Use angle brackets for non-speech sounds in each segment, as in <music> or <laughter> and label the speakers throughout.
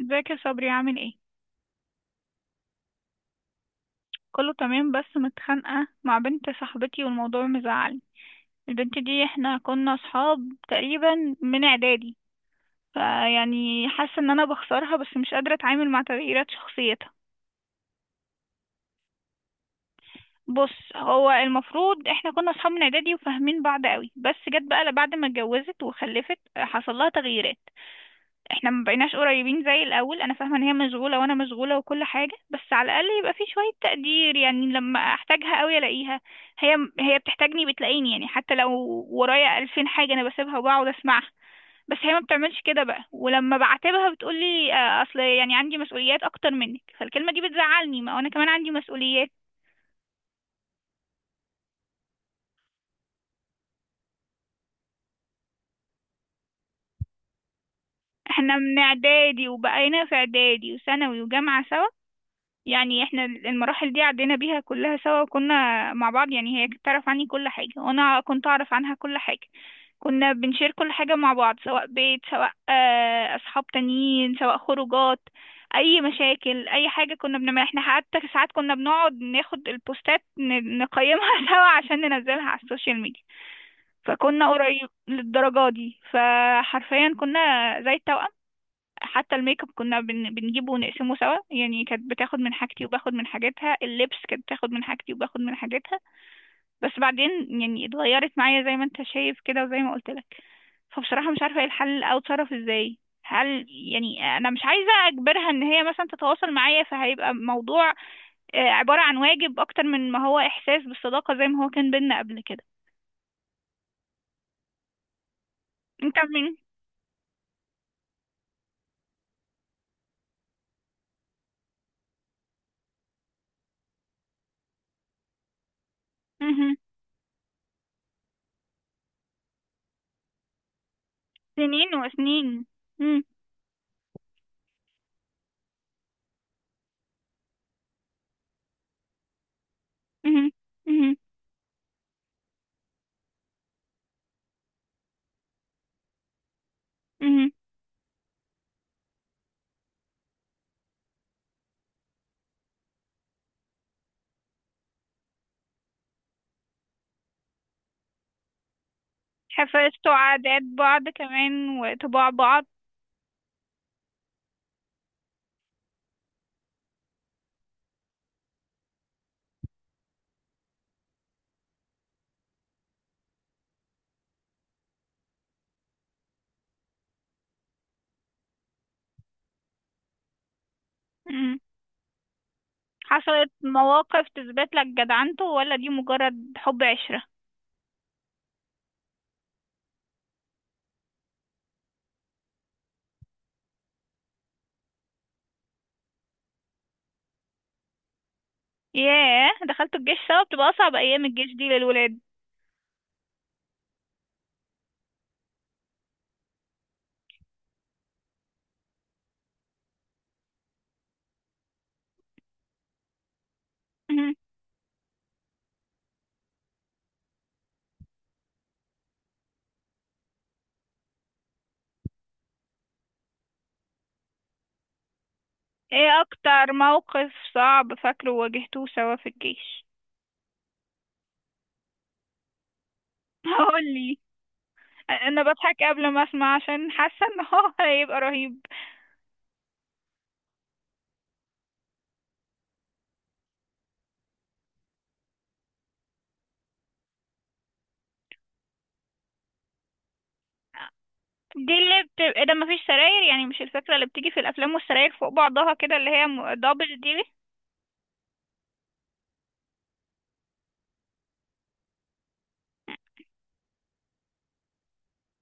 Speaker 1: ازيك يا صبري؟ عامل ايه؟ كله تمام بس متخانقه مع بنت صاحبتي والموضوع مزعلني. البنت دي احنا كنا اصحاب تقريبا من اعدادي، فيعني حاسه ان انا بخسرها بس مش قادره اتعامل مع تغييرات شخصيتها. بص، هو المفروض احنا كنا اصحاب من اعدادي وفاهمين بعض قوي، بس جت بقى بعد ما اتجوزت وخلفت حصل لها تغييرات. احنا ما بقيناش قريبين زي الاول. انا فاهمه ان هي مشغوله وانا مشغوله وكل حاجه، بس على الاقل يبقى في شويه تقدير، يعني لما احتاجها قوي الاقيها. هي هي بتحتاجني بتلاقيني، يعني حتى لو ورايا 2000 حاجه انا بسيبها وبقعد اسمعها. بس هي ما بتعملش كده بقى، ولما بعاتبها بتقولي اصل يعني عندي مسؤوليات اكتر منك، فالكلمه دي بتزعلني، ما انا كمان عندي مسؤوليات. احنا من اعدادي، وبقينا في اعدادي وثانوي وجامعه سوا. يعني احنا المراحل دي عدينا بيها كلها سوا، وكنا مع بعض. يعني هي كانت تعرف عني كل حاجة، وانا كنت اعرف عنها كل حاجة. كنا بنشير كل حاجة مع بعض، سواء بيت، سواء اصحاب تانيين، سواء خروجات، اي مشاكل، اي حاجة كنا بنعملها احنا. حتى ساعات كنا بنقعد ناخد البوستات نقيمها <laughs> سوا عشان ننزلها على السوشيال ميديا. فكنا قريب للدرجة دي، فحرفيا كنا زي التوأم. حتى الميك اب كنا بنجيبه ونقسمه سوا، يعني كانت بتاخد من حاجتي وباخد من حاجتها، اللبس كانت بتاخد من حاجتي وباخد من حاجتها. بس بعدين يعني اتغيرت معايا زي ما انت شايف كده وزي ما قلت لك. فبصراحة مش عارفة ايه الحل او اتصرف ازاي. هل يعني انا مش عايزة اجبرها ان هي مثلا تتواصل معايا، فهيبقى موضوع عبارة عن واجب اكتر من ما هو احساس بالصداقة زي ما هو كان بينا قبل كده. انت من مهم. سنين وسنين. مم. مهم. مهم. مهم. حفظتوا عادات بعض كمان وطباع بعض. مم. حصلت مواقف تثبت لك جدعنته، ولا دي مجرد حب عشرة؟ ياه، دخلتوا الجيش سوا! بتبقى أصعب أيام الجيش دي للولاد. مم. ايه أكتر موقف صعب فاكره واجهتوه سوا في الجيش؟ <laughs> هقولي. أنا بضحك قبل ما أسمع عشان حاسة إن هو هيبقى رهيب. دي اللي بتبقى، ده مفيش سراير يعني؟ مش الفكرة اللي بتيجي في الأفلام والسراير فوق بعضها كده، اللي هي دبل دي؟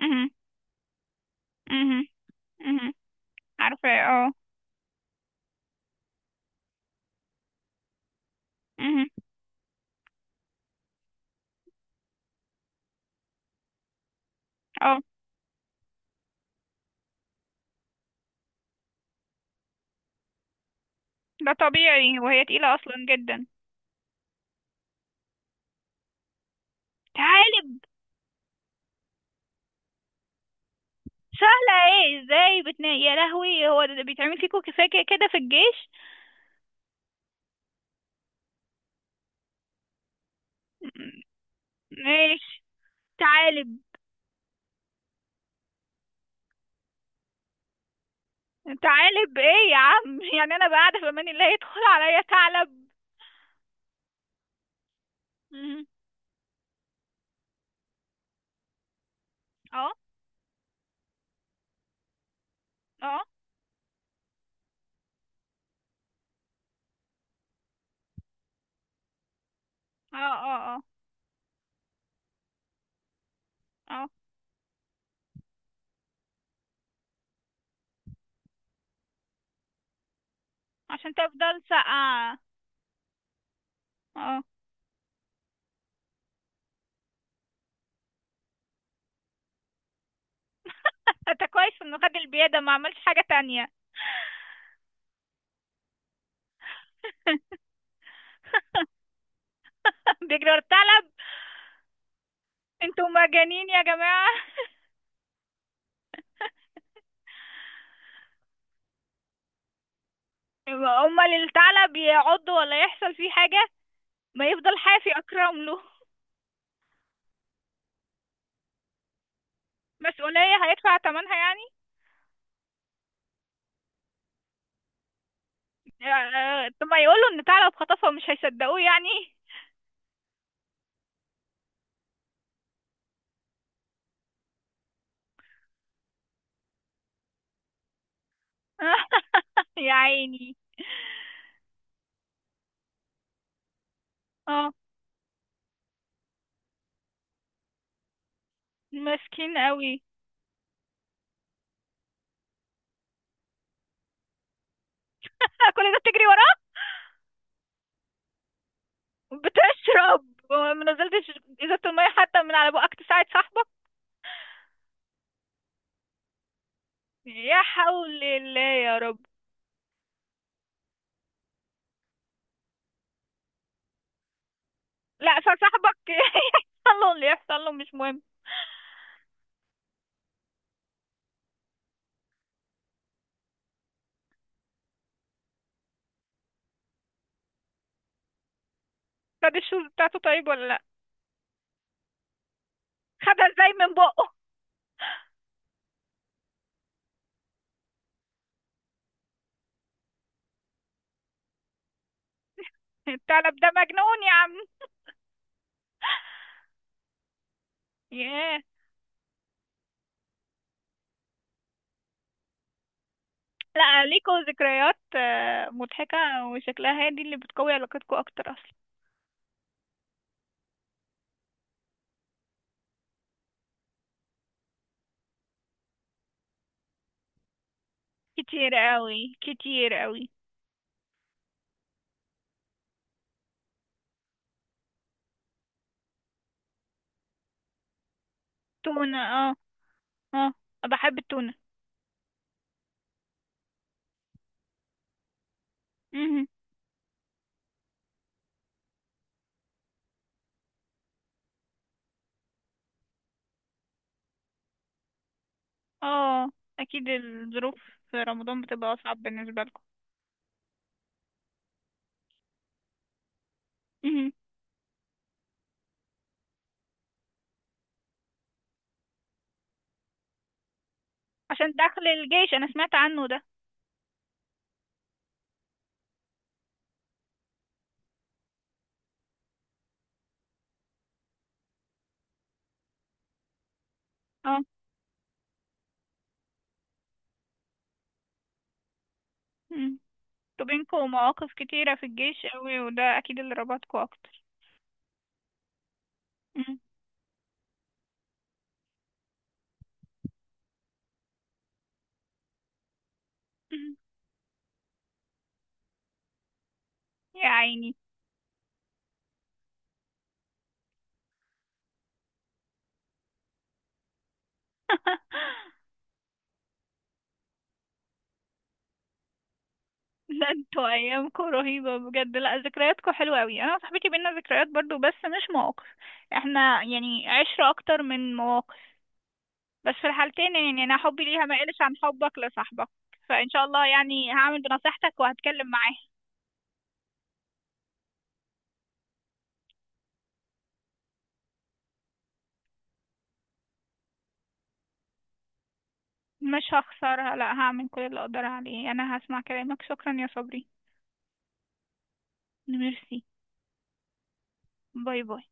Speaker 1: مهم. مهم. مهم. عارفة، اه. مهم. اه، ده طبيعي وهي تقيلة اصلا جدا. تعالب؟ سهلة ايه؟ ازاي؟ بتنا يا لهوي! هو ده بيتعمل فيكوا كفاية كده كده في الجيش؟ م- ماشي. تعالب. تعالب ايه يا عم؟ <laughs> يعني انا بقى قاعدة في امان الله يدخل عليا ثعلب؟ مهم. اه اه اه. اه. اه. اه. عشان تفضل ساقعة. اه. <laughs> انت كويس انه خد البيادة، ما عملش حاجة تانية. <laughs> بيجري ورا الثعلب! انتوا مجانين يا جماعة! امال الثعلب يعض ولا يحصل فيه حاجة؟ ما يفضل حافي، اكرم له. مسؤولية؟ هيدفع ثمنها يعني؟ طب ما يقولوا ان ثعلب خطفه، مش هيصدقوه يعني؟ <laughs> يا عيني. اه. مسكين قوي. <laughs> كل ده بتجري وراه! بتشرب؟ ما نزلتش ازازة المية حتى من على بقك تساعد صاحبك؟ يا حول الله يا رب. لا فصاحبك <laughs> يحصل له اللي يحصل له، مش مهم. خد الشوز بتاعته طيب، ولا لا؟ خدها ازاي من بقه؟ <laughs> الثعلب ده مجنون يا عم. ياه. لا ليكوا ذكريات مضحكة. وشكلها هي دي اللي بتقوي علاقتكوا أكتر أصلا. كتير قوي، كتير قوي. تونة. اه. اه. بحب التونة. مهم. اه، أكيد الظروف. في رمضان بتبقى أصعب بالنسبة لكم. مهم. عشان دخل الجيش، أنا سمعت عنه ده. اه. مم. انتوا بينكوا مواقف كتيرة في الجيش قوي، وده أكيد اللي ربطكوا أكتر. مم. مم. يا عيني. <laughs> <laughs> لا، انتوا ايامكم رهيبه بجد. لا، ذكرياتكم حلوه قوي. انا وصاحبتي بينا ذكريات برضو، بس مش مواقف. احنا يعني عشره اكتر من مواقف. بس في الحالتين، يعني انا حبي ليها ما قلش عن حبك لصاحبك. فان شاء الله يعني هعمل بنصيحتك وهتكلم معاه. مش هخسرها، لا، هعمل كل اللي اقدر عليه. انا هسمع كلامك. شكرا يا صبري. ميرسي. باي باي.